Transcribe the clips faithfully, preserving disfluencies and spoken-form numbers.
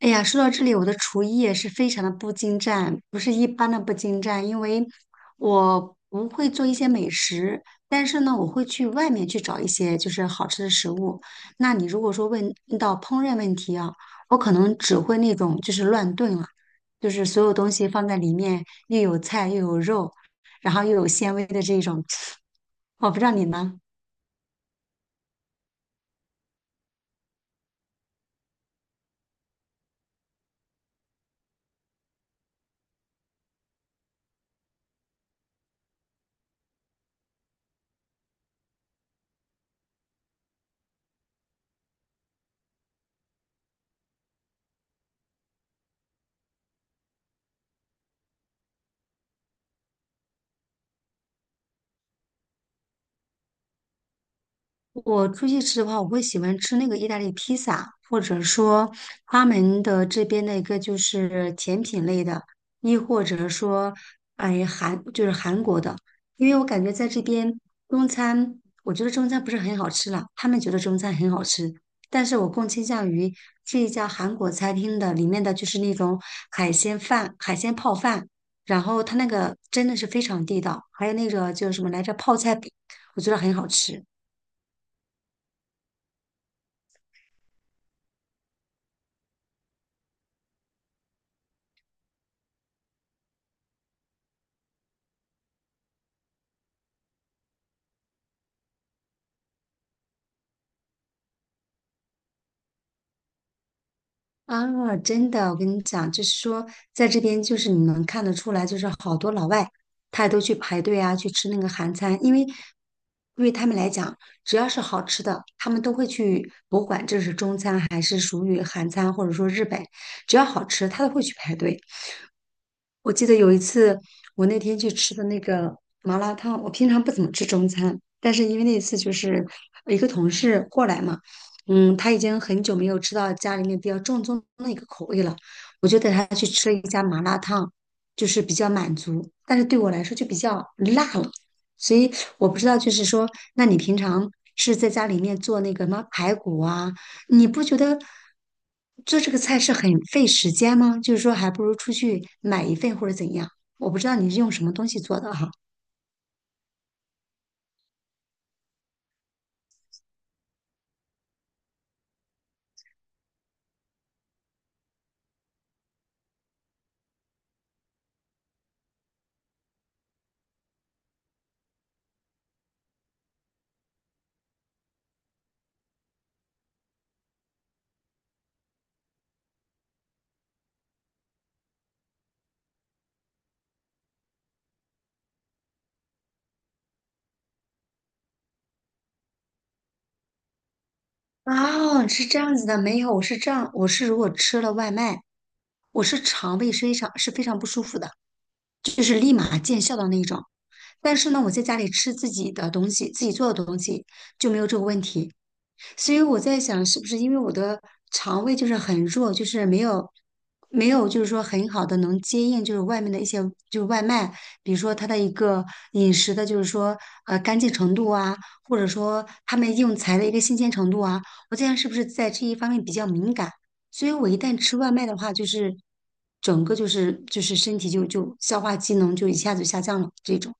哎呀，说到这里，我的厨艺也是非常的不精湛，不是一般的不精湛，因为我不会做一些美食，但是呢，我会去外面去找一些就是好吃的食物。那你如果说问到烹饪问题啊，我可能只会那种就是乱炖了，就是所有东西放在里面，又有菜又有肉，然后又有纤维的这种。我不知道你呢？我出去吃的话，我会喜欢吃那个意大利披萨，或者说他们的这边的一个就是甜品类的，亦或者说，哎，韩就是韩国的，因为我感觉在这边中餐，我觉得中餐不是很好吃了，他们觉得中餐很好吃，但是我更倾向于这一家韩国餐厅的里面的就是那种海鲜饭、海鲜泡饭，然后它那个真的是非常地道，还有那个就是什么来着泡菜饼，我觉得很好吃。啊，真的，我跟你讲，就是说，在这边就是你能看得出来，就是好多老外，他都去排队啊，去吃那个韩餐，因为对于他们来讲，只要是好吃的，他们都会去，不管这是中餐还是属于韩餐，或者说日本，只要好吃，他都会去排队。我记得有一次，我那天去吃的那个麻辣烫，我平常不怎么吃中餐，但是因为那次就是一个同事过来嘛。嗯，他已经很久没有吃到家里面比较正宗的一个口味了，我就带他去吃了一家麻辣烫，就是比较满足，但是对我来说就比较辣了，所以我不知道，就是说，那你平常是在家里面做那个什么排骨啊，你不觉得做这个菜是很费时间吗？就是说，还不如出去买一份或者怎样？我不知道你是用什么东西做的哈。哦，是这样子的，没有，我是这样，我是如果吃了外卖，我是肠胃非常是非常不舒服的，就是立马见效的那一种。但是呢，我在家里吃自己的东西，自己做的东西就没有这个问题。所以我在想，是不是因为我的肠胃就是很弱，就是没有没有，就是说很好的能接应，就是外面的一些就是外卖，比如说它的一个饮食的，就是说呃干净程度啊，或者说他们用材的一个新鲜程度啊，我这样是不是在这一方面比较敏感，所以我一旦吃外卖的话，就是整个就是就是身体就就消化机能就一下子下降了这种。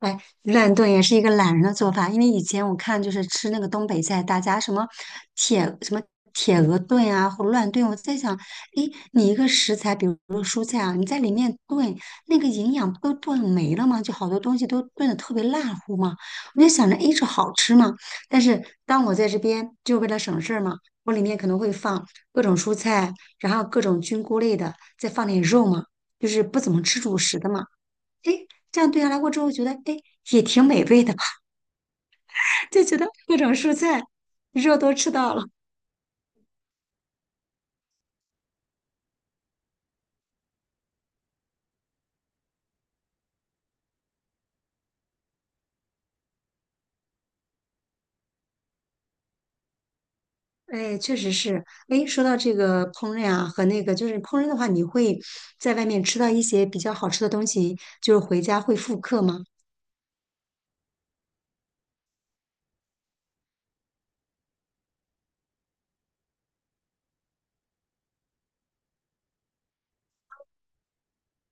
哎，乱炖也是一个懒人的做法，因为以前我看就是吃那个东北菜，大家什么铁什么铁鹅炖啊，或乱炖，我在想，诶，你一个食材，比如说蔬菜啊，你在里面炖，那个营养不都炖没了吗？就好多东西都炖的特别烂糊嘛。我就想着，诶，这好吃嘛。但是当我在这边，就为了省事儿嘛，我里面可能会放各种蔬菜，然后各种菌菇类的，再放点肉嘛，就是不怎么吃主食的嘛。诶，这样对下来过之后，觉得诶也挺美味的吧，就觉得各种蔬菜肉都吃到了。哎，确实是。哎，说到这个烹饪啊，和那个就是烹饪的话，你会在外面吃到一些比较好吃的东西，就是回家会复刻吗？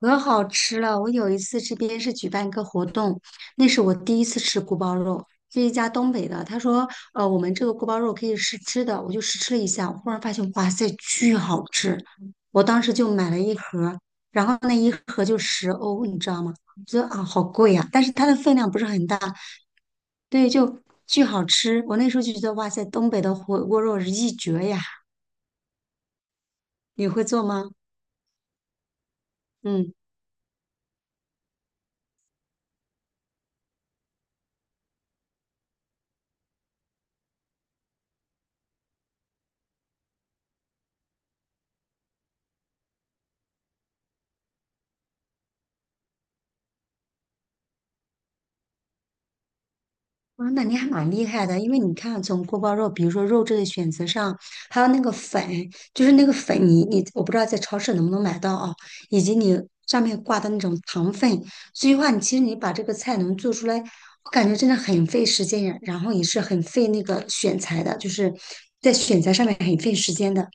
可好吃了！我有一次这边是举办一个活动，那是我第一次吃锅包肉，是一家东北的。他说，呃，我们这个锅包肉可以试吃的，我就试吃了一下，我忽然发现，哇塞，巨好吃！我当时就买了一盒，然后那一盒就十欧，你知道吗？我觉得啊，好贵呀、但是它的分量不是很大，对，就巨好吃。我那时候就觉得，哇塞，东北的火锅肉是一绝呀！你会做吗？嗯。啊，那你还蛮厉害的，因为你看，从锅包肉，比如说肉质的选择上，还有那个粉，就是那个粉你，你我不知道在超市能不能买到啊，以及你上面挂的那种糖分，所以话，你其实你把这个菜能做出来，我感觉真的很费时间呀，然后也是很费那个选材的，就是在选材上面很费时间的。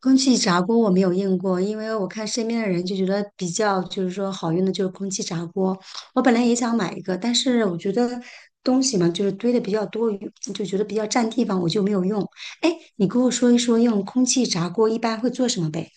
空气炸锅我没有用过，因为我看身边的人就觉得比较就是说好用的就是空气炸锅。我本来也想买一个，但是我觉得东西嘛就是堆的比较多余就觉得比较占地方，我就没有用。哎，你给我说一说用空气炸锅一般会做什么呗？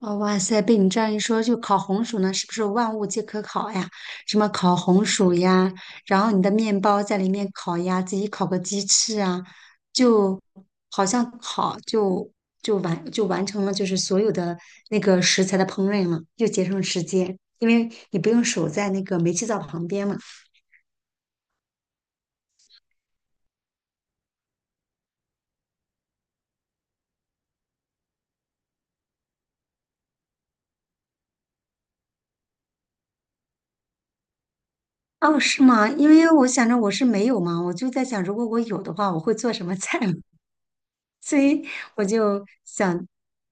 哦，哇塞！被你这样一说，就烤红薯呢，是不是万物皆可烤呀？什么烤红薯呀，然后你的面包在里面烤呀，自己烤个鸡翅啊，就好像烤就就完就完成了，就是所有的那个食材的烹饪了，又节省了时间，因为你不用守在那个煤气灶旁边嘛。哦，是吗？因为我想着我是没有嘛，我就在想，如果我有的话，我会做什么菜嘛？所以我就想，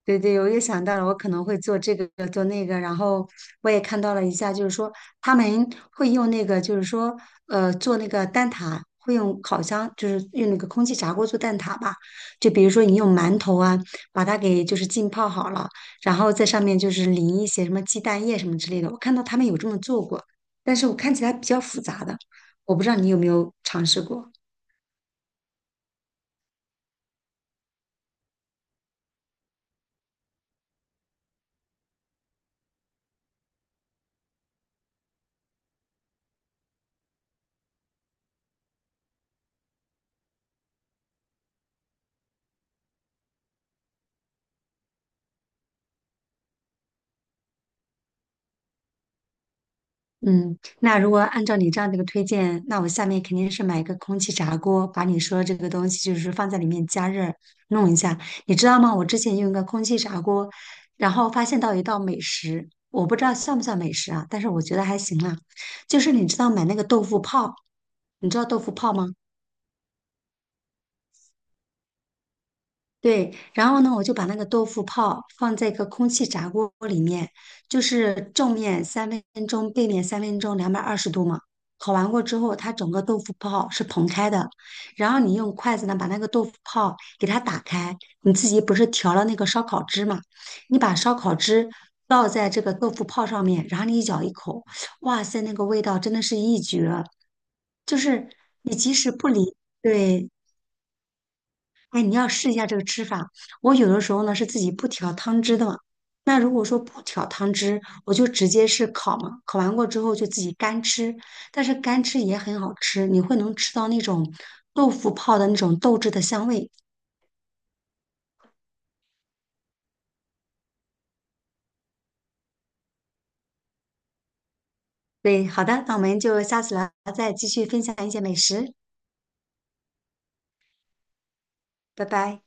对对，我也想到了，我可能会做这个做那个，然后我也看到了一下，就是说他们会用那个，就是说呃做那个蛋挞，会用烤箱，就是用那个空气炸锅做蛋挞吧。就比如说你用馒头啊，把它给就是浸泡好了，然后在上面就是淋一些什么鸡蛋液什么之类的。我看到他们有这么做过，但是我看起来比较复杂的，我不知道你有没有尝试过。嗯，那如果按照你这样的一个推荐，那我下面肯定是买一个空气炸锅，把你说的这个东西就是放在里面加热弄一下。你知道吗？我之前用一个空气炸锅，然后发现到一道美食，我不知道算不算美食啊，但是我觉得还行啦。就是你知道买那个豆腐泡，你知道豆腐泡吗？对，然后呢，我就把那个豆腐泡放在一个空气炸锅里面，就是正面三分钟，背面三分钟，两百二十度嘛。烤完过之后，它整个豆腐泡是蓬开的，然后你用筷子呢把那个豆腐泡给它打开，你自己不是调了那个烧烤汁嘛？你把烧烤汁倒在这个豆腐泡上面，然后你一咬一口，哇塞，那个味道真的是一绝！就是你即使不离，对，哎，你要试一下这个吃法。我有的时候呢是自己不调汤汁的嘛。那如果说不调汤汁，我就直接是烤嘛，烤完过之后就自己干吃。但是干吃也很好吃，你会能吃到那种豆腐泡的那种豆汁的香味。对，好的，那我们就下次聊，再继续分享一些美食，拜拜。